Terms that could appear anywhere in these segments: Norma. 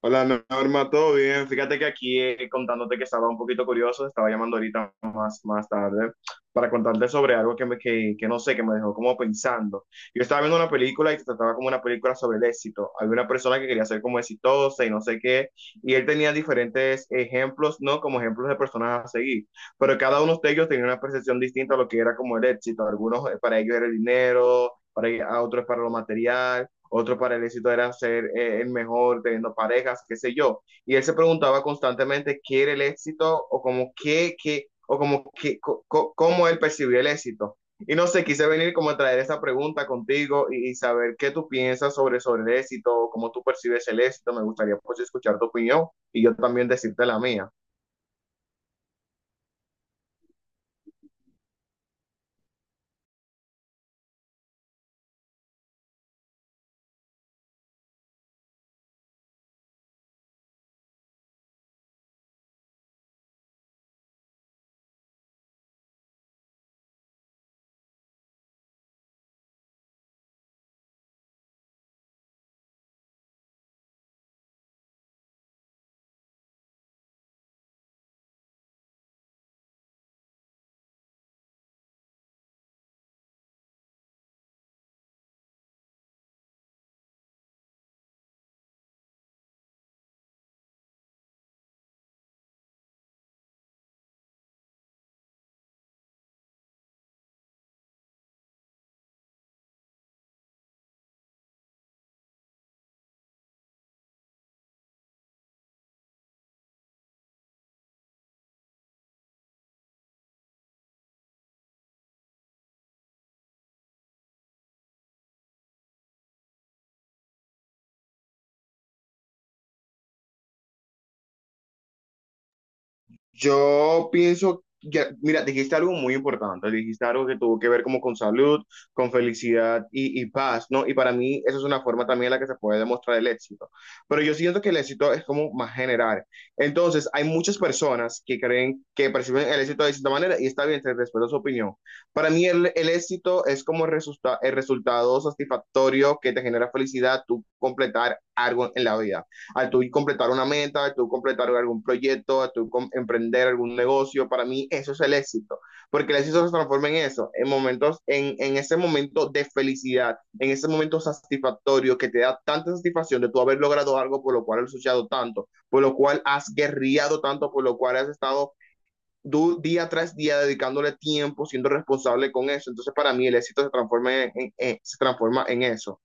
Hola no, Norma, ¿todo bien? Fíjate que aquí contándote que estaba un poquito curioso, estaba llamando ahorita más tarde para contarte sobre algo que no sé, que me dejó como pensando. Yo estaba viendo una película y se trataba como una película sobre el éxito. Había una persona que quería ser como exitosa y no sé qué, y él tenía diferentes ejemplos, ¿no? Como ejemplos de personas a seguir, pero cada uno de ellos tenía una percepción distinta a lo que era como el éxito. Algunos para ellos era el dinero, para a otros para lo material, otro para el éxito era ser el mejor, teniendo parejas, qué sé yo. Y él se preguntaba constantemente qué era el éxito o como o como cómo él percibía el éxito. Y no sé, quise venir como a traer esa pregunta contigo saber qué tú piensas sobre el éxito, cómo tú percibes el éxito. Me gustaría pues escuchar tu opinión y yo también decirte la mía. Yo pienso, ya, mira, dijiste algo muy importante, dijiste algo que tuvo que ver como con salud, con felicidad y paz, ¿no? Y para mí esa es una forma también en la que se puede demostrar el éxito. Pero yo siento que el éxito es como más general. Entonces, hay muchas personas que creen que perciben el éxito de cierta manera y está bien, te respeto su opinión. Para mí el éxito es como el resultado satisfactorio que te genera felicidad, tú completar algo en la vida al tú completar una meta, al tú completar algún proyecto, al tú emprender algún negocio, para mí eso es el éxito, porque el éxito se transforma en eso, en en ese momento de felicidad, en ese momento satisfactorio que te da tanta satisfacción de tú haber logrado algo por lo cual has luchado tanto, por lo cual has guerriado tanto, por lo cual has estado tú día tras día dedicándole tiempo, siendo responsable con eso. Entonces, para mí el éxito se transforma en se transforma en eso.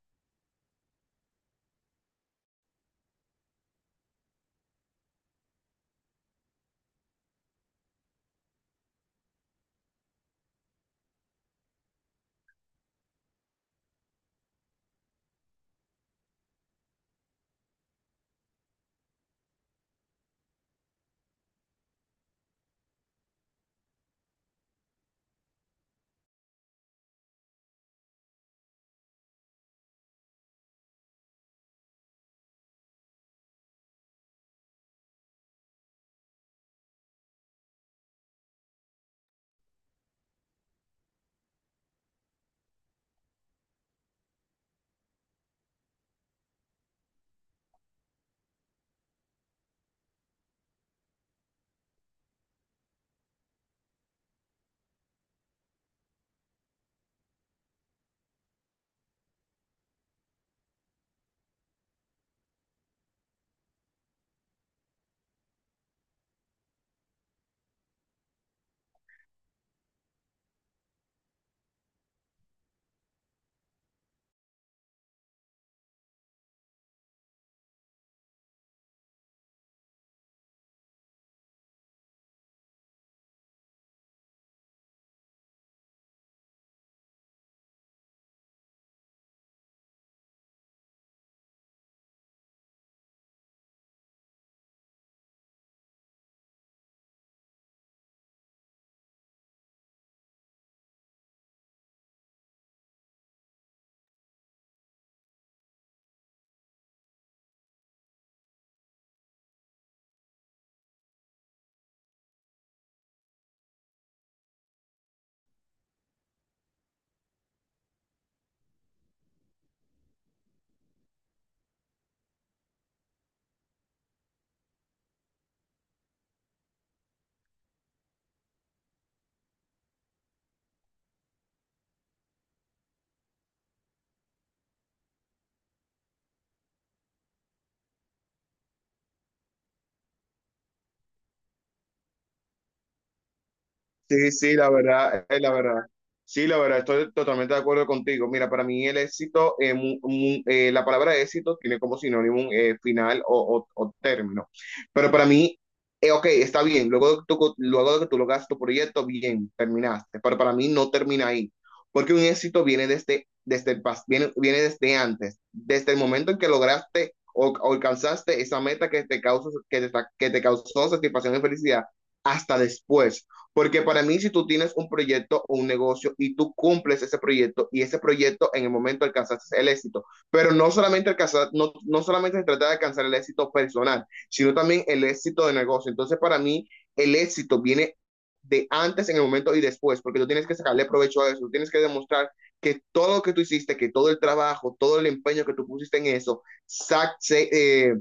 Sí, sí, la verdad, es la verdad. Sí, la verdad, estoy totalmente de acuerdo contigo. Mira, para mí el éxito, la palabra éxito tiene como sinónimo un final o término. Pero para mí, ok, está bien, luego de que luego de que tú lograste tu proyecto, bien, terminaste. Pero para mí no termina ahí, porque un éxito viene desde el viene desde antes, desde el momento en que lograste o alcanzaste esa meta que te que te causó satisfacción y felicidad, hasta después. Porque para mí, si tú tienes un proyecto o un negocio y tú cumples ese proyecto y ese proyecto en el momento alcanzas el éxito, pero no solamente alcanzar, no, no solamente se trata de alcanzar el éxito personal, sino también el éxito de negocio. Entonces, para mí, el éxito viene de antes en el momento y después, porque tú tienes que sacarle provecho a eso, tú tienes que demostrar que todo lo que tú hiciste, que todo el trabajo, todo el empeño que tú pusiste en eso, eh,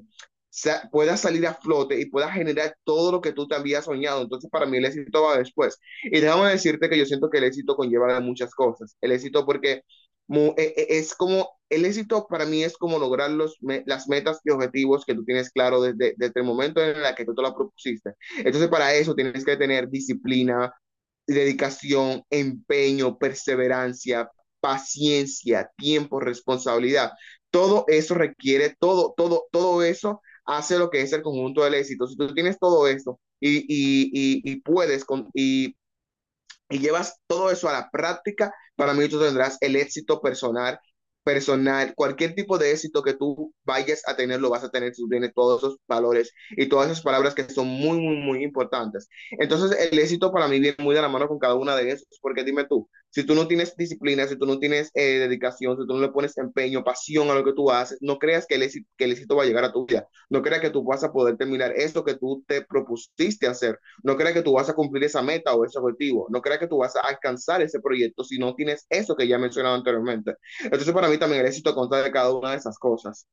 puedas salir a flote y puedas generar todo lo que tú te habías soñado. Entonces, para mí el éxito va después. Y déjame decirte que yo siento que el éxito conlleva de muchas cosas. El éxito porque es como, el éxito para mí es como lograr las metas y objetivos que tú tienes claro desde el momento en el que tú te la propusiste. Entonces, para eso tienes que tener disciplina, dedicación, empeño, perseverancia, paciencia, tiempo, responsabilidad. Todo eso requiere, todo eso hace lo que es el conjunto del éxito. Si tú tienes todo esto y y llevas todo eso a la práctica, para mí tú tendrás el éxito personal, cualquier tipo de éxito que tú vayas a tener, lo vas a tener si tú tienes todos esos valores y todas esas palabras que son muy, muy, muy importantes. Entonces, el éxito para mí viene muy de la mano con cada una de esas, porque dime tú, si tú no tienes disciplina, si tú no tienes dedicación, si tú no le pones empeño, pasión a lo que tú haces, no creas que que el éxito va a llegar a tu vida, no creas que tú vas a poder terminar eso que tú te propusiste hacer, no creas que tú vas a cumplir esa meta o ese objetivo. No creas que tú vas a alcanzar ese proyecto si no tienes eso que ya he mencionado anteriormente. Entonces, para mí también el éxito consta de cada una de esas cosas.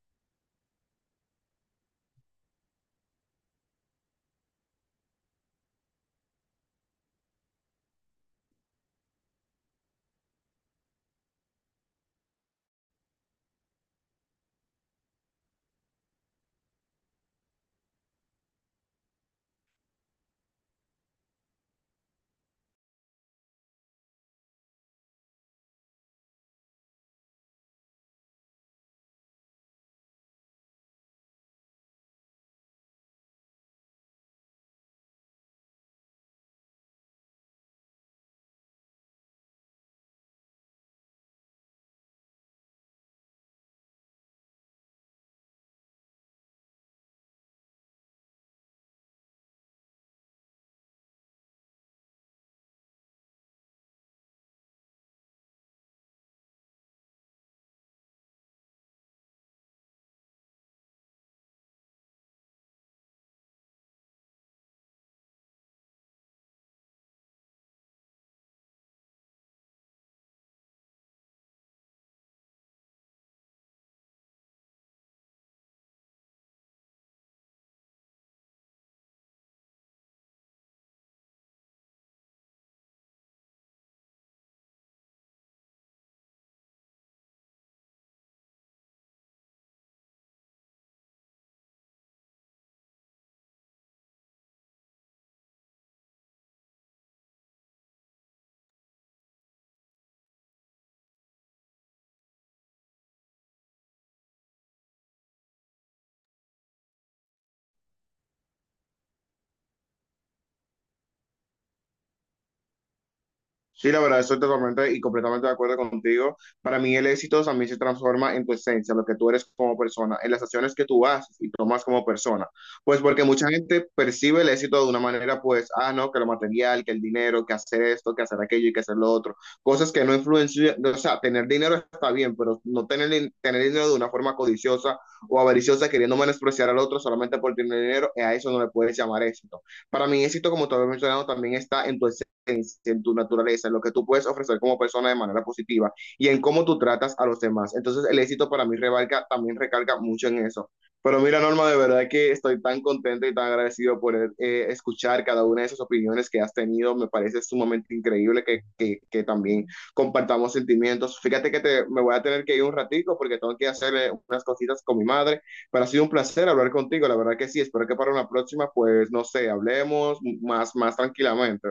Sí, la verdad, estoy totalmente y completamente de acuerdo contigo. Para mí el éxito también se transforma en tu esencia, lo que tú eres como persona, en las acciones que tú haces y tomas como persona. Pues porque mucha gente percibe el éxito de una manera, pues, ah, no, que lo material, que el dinero, que hacer esto, que hacer aquello y que hacer lo otro. Cosas que no influencian, o sea, tener dinero está bien, pero no tener, tener dinero de una forma codiciosa o avariciosa, queriendo menospreciar al otro solamente por tener dinero, a eso no le puedes llamar éxito. Para mí éxito, como te había mencionado, también está en tu esencia en tu naturaleza, en lo que tú puedes ofrecer como persona de manera positiva y en cómo tú tratas a los demás. Entonces el éxito para mí revalga, también recarga mucho en eso. Pero mira, Norma, de verdad que estoy tan contento y tan agradecido por escuchar cada una de esas opiniones que has tenido. Me parece sumamente increíble que también compartamos sentimientos. Fíjate me voy a tener que ir un ratico porque tengo que hacer unas cositas con mi madre, pero ha sido un placer hablar contigo. La verdad que sí, espero que para una próxima, pues, no sé, hablemos más tranquilamente.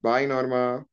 Bye, Norma.